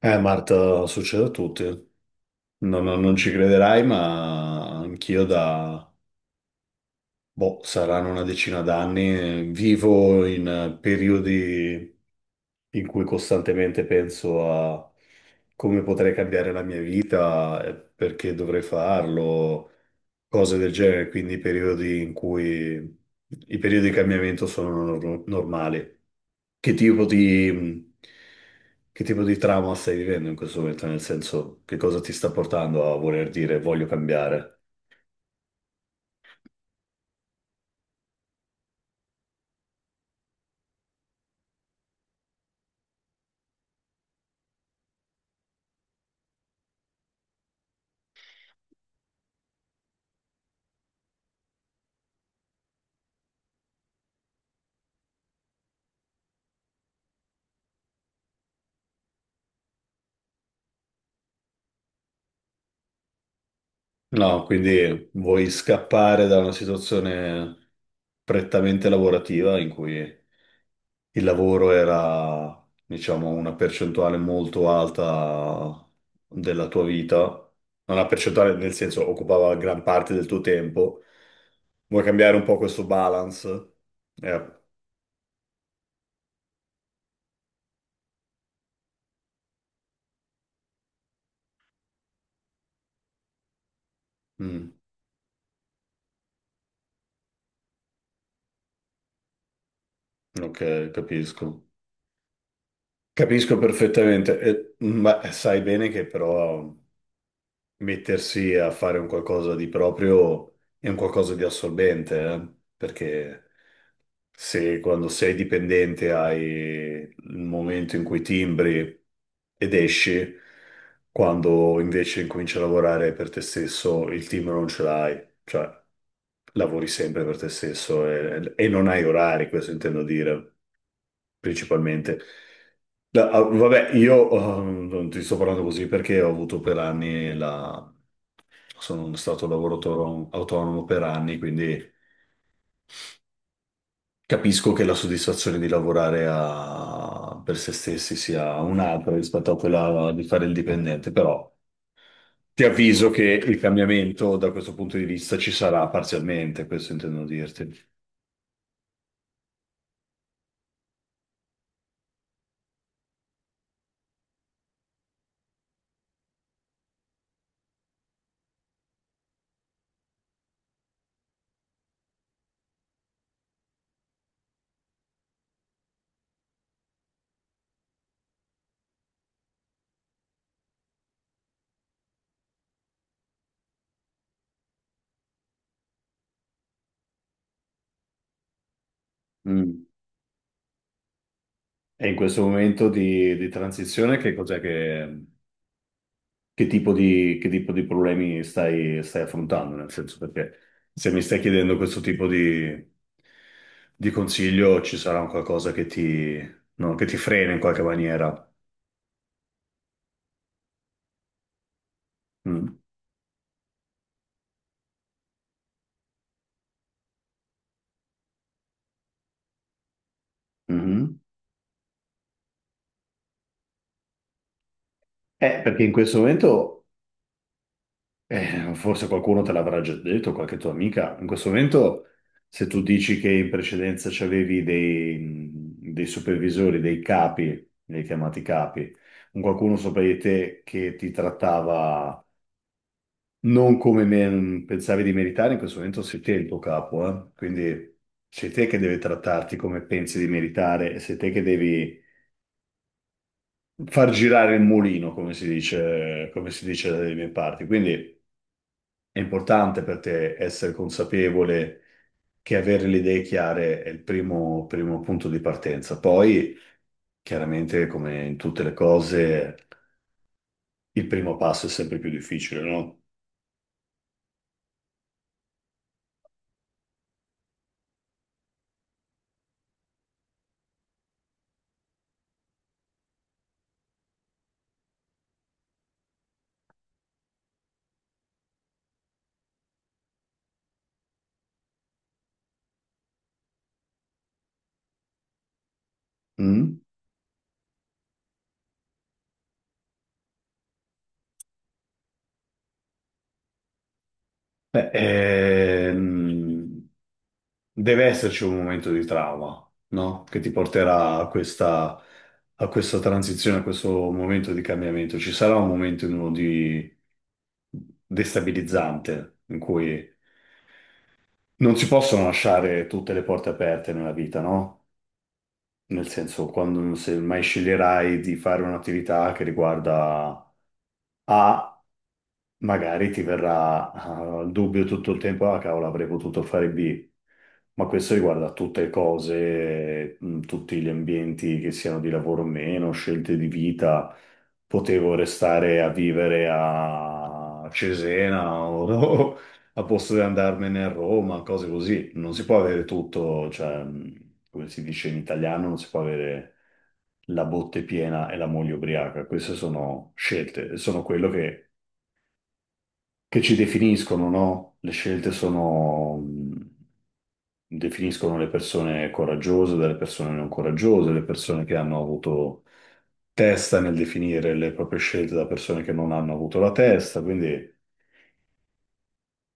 Marta, succede a tutti. Non ci crederai, ma anch'io da, boh, saranno una decina d'anni, vivo in periodi in cui costantemente penso a come potrei cambiare la mia vita, perché dovrei farlo, cose del genere, quindi periodi in cui i periodi di cambiamento sono normali. Che tipo di, che tipo di trauma stai vivendo in questo momento? Nel senso, che cosa ti sta portando a voler dire voglio cambiare? No, quindi vuoi scappare da una situazione prettamente lavorativa in cui il lavoro era, diciamo, una percentuale molto alta della tua vita, una percentuale nel senso occupava gran parte del tuo tempo. Vuoi cambiare un po' questo balance? Eh, mm, ok, capisco. Capisco perfettamente, ma sai bene che però mettersi a fare un qualcosa di proprio è un qualcosa di assorbente, eh? Perché se quando sei dipendente hai il momento in cui timbri ed esci, quando invece incominci a lavorare per te stesso, il timbro non ce l'hai, cioè lavori sempre per te stesso e non hai orari, questo intendo dire principalmente. Vabbè, io non ti sto parlando così perché ho avuto per anni la... sono stato lavoratore autonomo per anni, quindi capisco che la soddisfazione di lavorare per se stessi sia un'altra rispetto a quella di fare il dipendente, però ti avviso che il cambiamento da questo punto di vista ci sarà parzialmente, questo intendo dirti. Mm. E in questo momento di transizione, che cos'è che... che tipo di problemi stai affrontando, nel senso perché se mi stai chiedendo questo tipo di consiglio ci sarà un qualcosa che ti, no, che ti frena in qualche maniera. Mm. Mhm. Perché in questo momento, forse qualcuno te l'avrà già detto, qualche tua amica, in questo momento se tu dici che in precedenza c'avevi dei supervisori, dei capi, li hai chiamati capi, un qualcuno sopra di te che ti trattava non come pensavi di meritare, in questo momento sei te il tuo capo, eh? Quindi sei te che deve trattarti come pensi di meritare, e sei te che devi far girare il mulino, come si dice dalle mie parti. Quindi è importante per te essere consapevole che avere le idee chiare è il primo punto di partenza. Poi, chiaramente, come in tutte le cose, il primo passo è sempre più difficile, no? Mm? Beh, deve esserci un momento di trauma, no? Che ti porterà a questa transizione, a questo momento di cambiamento. Ci sarà un momento in uno di destabilizzante in cui non si possono lasciare tutte le porte aperte nella vita, no? Nel senso, quando se mai sceglierai di fare un'attività che riguarda A magari ti verrà il dubbio tutto il tempo, ah cavolo, avrei potuto fare B. Ma questo riguarda tutte le cose, tutti gli ambienti che siano di lavoro o meno, scelte di vita. Potevo restare a vivere a Cesena o, o a posto di andarmene a Roma, cose così. Non si può avere tutto, cioè, come si dice in italiano, non si può avere la botte piena e la moglie ubriaca. Queste sono scelte, sono quello che ci definiscono, no? Le scelte sono, definiscono le persone coraggiose dalle persone non coraggiose, le persone che hanno avuto testa nel definire le proprie scelte da persone che non hanno avuto la testa, quindi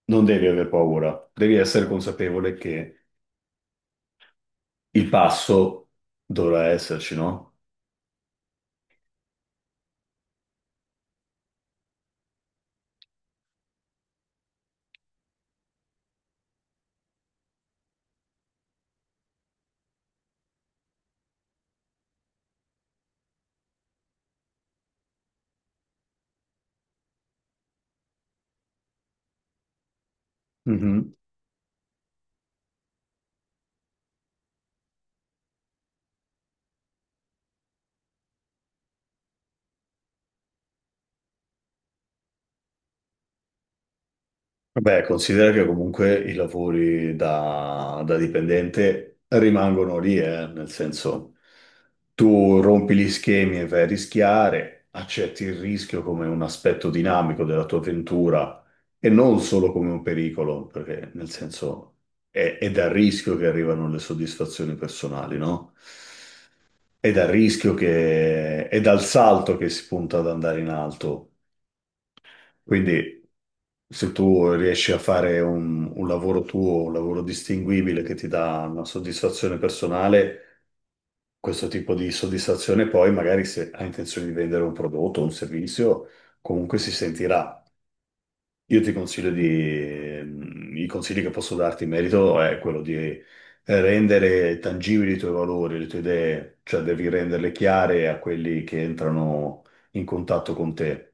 non devi avere paura, devi essere consapevole che il passo dovrà esserci, no? Mhm. Beh, considera che comunque i lavori da dipendente rimangono lì, nel senso tu rompi gli schemi e vai a rischiare, accetti il rischio come un aspetto dinamico della tua avventura e non solo come un pericolo, perché nel senso è dal rischio che arrivano le soddisfazioni personali, no? È dal rischio che, è dal salto che si punta ad andare in alto. Quindi se tu riesci a fare un lavoro tuo, un lavoro distinguibile che ti dà una soddisfazione personale, questo tipo di soddisfazione poi magari se hai intenzione di vendere un prodotto o un servizio, comunque si sentirà. Io ti consiglio di, i consigli che posso darti in merito è quello di rendere tangibili i tuoi valori, le tue idee, cioè devi renderle chiare a quelli che entrano in contatto con te.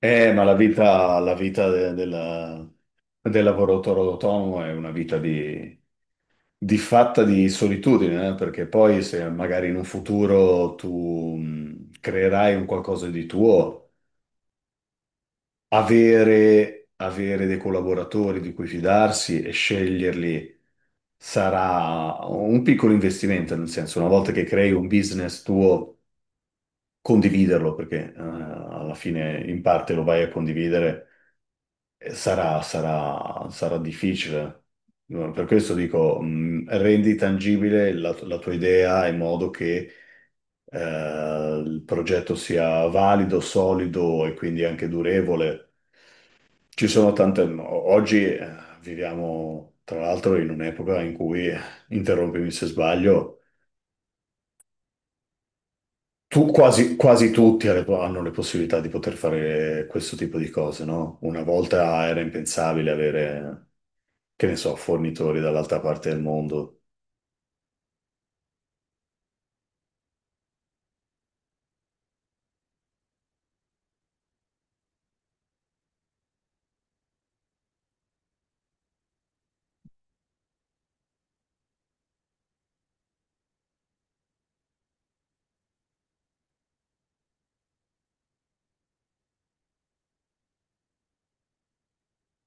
Ma la vita, del lavoratore autonomo è una vita di fatta di solitudine, eh. Perché poi se magari in un futuro tu creerai un qualcosa di tuo, avere dei collaboratori di cui fidarsi e sceglierli sarà un piccolo investimento, nel senso, una volta che crei un business tuo, condividerlo, perché alla fine in parte lo vai a condividere. Sarà difficile. No, per questo dico, rendi tangibile la tua idea in modo che il progetto sia valido, solido e quindi anche durevole. Ci sono tante... Oggi viviamo, tra l'altro, in un'epoca in cui, interrompimi se sbaglio, tu, quasi tutti ha le po- hanno le possibilità di poter fare questo tipo di cose, no? Una volta era impensabile avere... che ne so, fornitori dall'altra parte del mondo.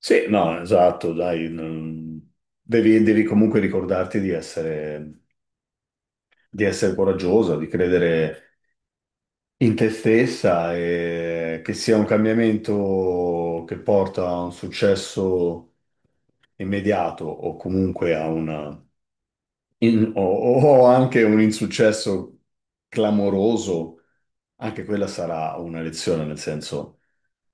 Sì, no, esatto, dai, mm, devi comunque ricordarti di essere coraggiosa, di credere in te stessa e che sia un cambiamento che porta a un successo immediato o comunque a una, o anche un insuccesso clamoroso. Anche quella sarà una lezione, nel senso,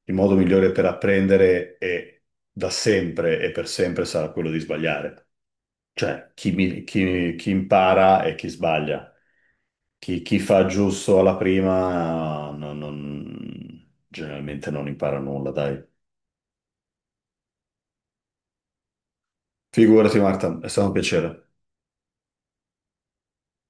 il modo migliore per apprendere è da sempre e per sempre sarà quello di sbagliare. Cioè, chi impara è chi sbaglia. Chi fa giusto alla prima generalmente non impara nulla, dai. Figurati, Marta, è stato un piacere.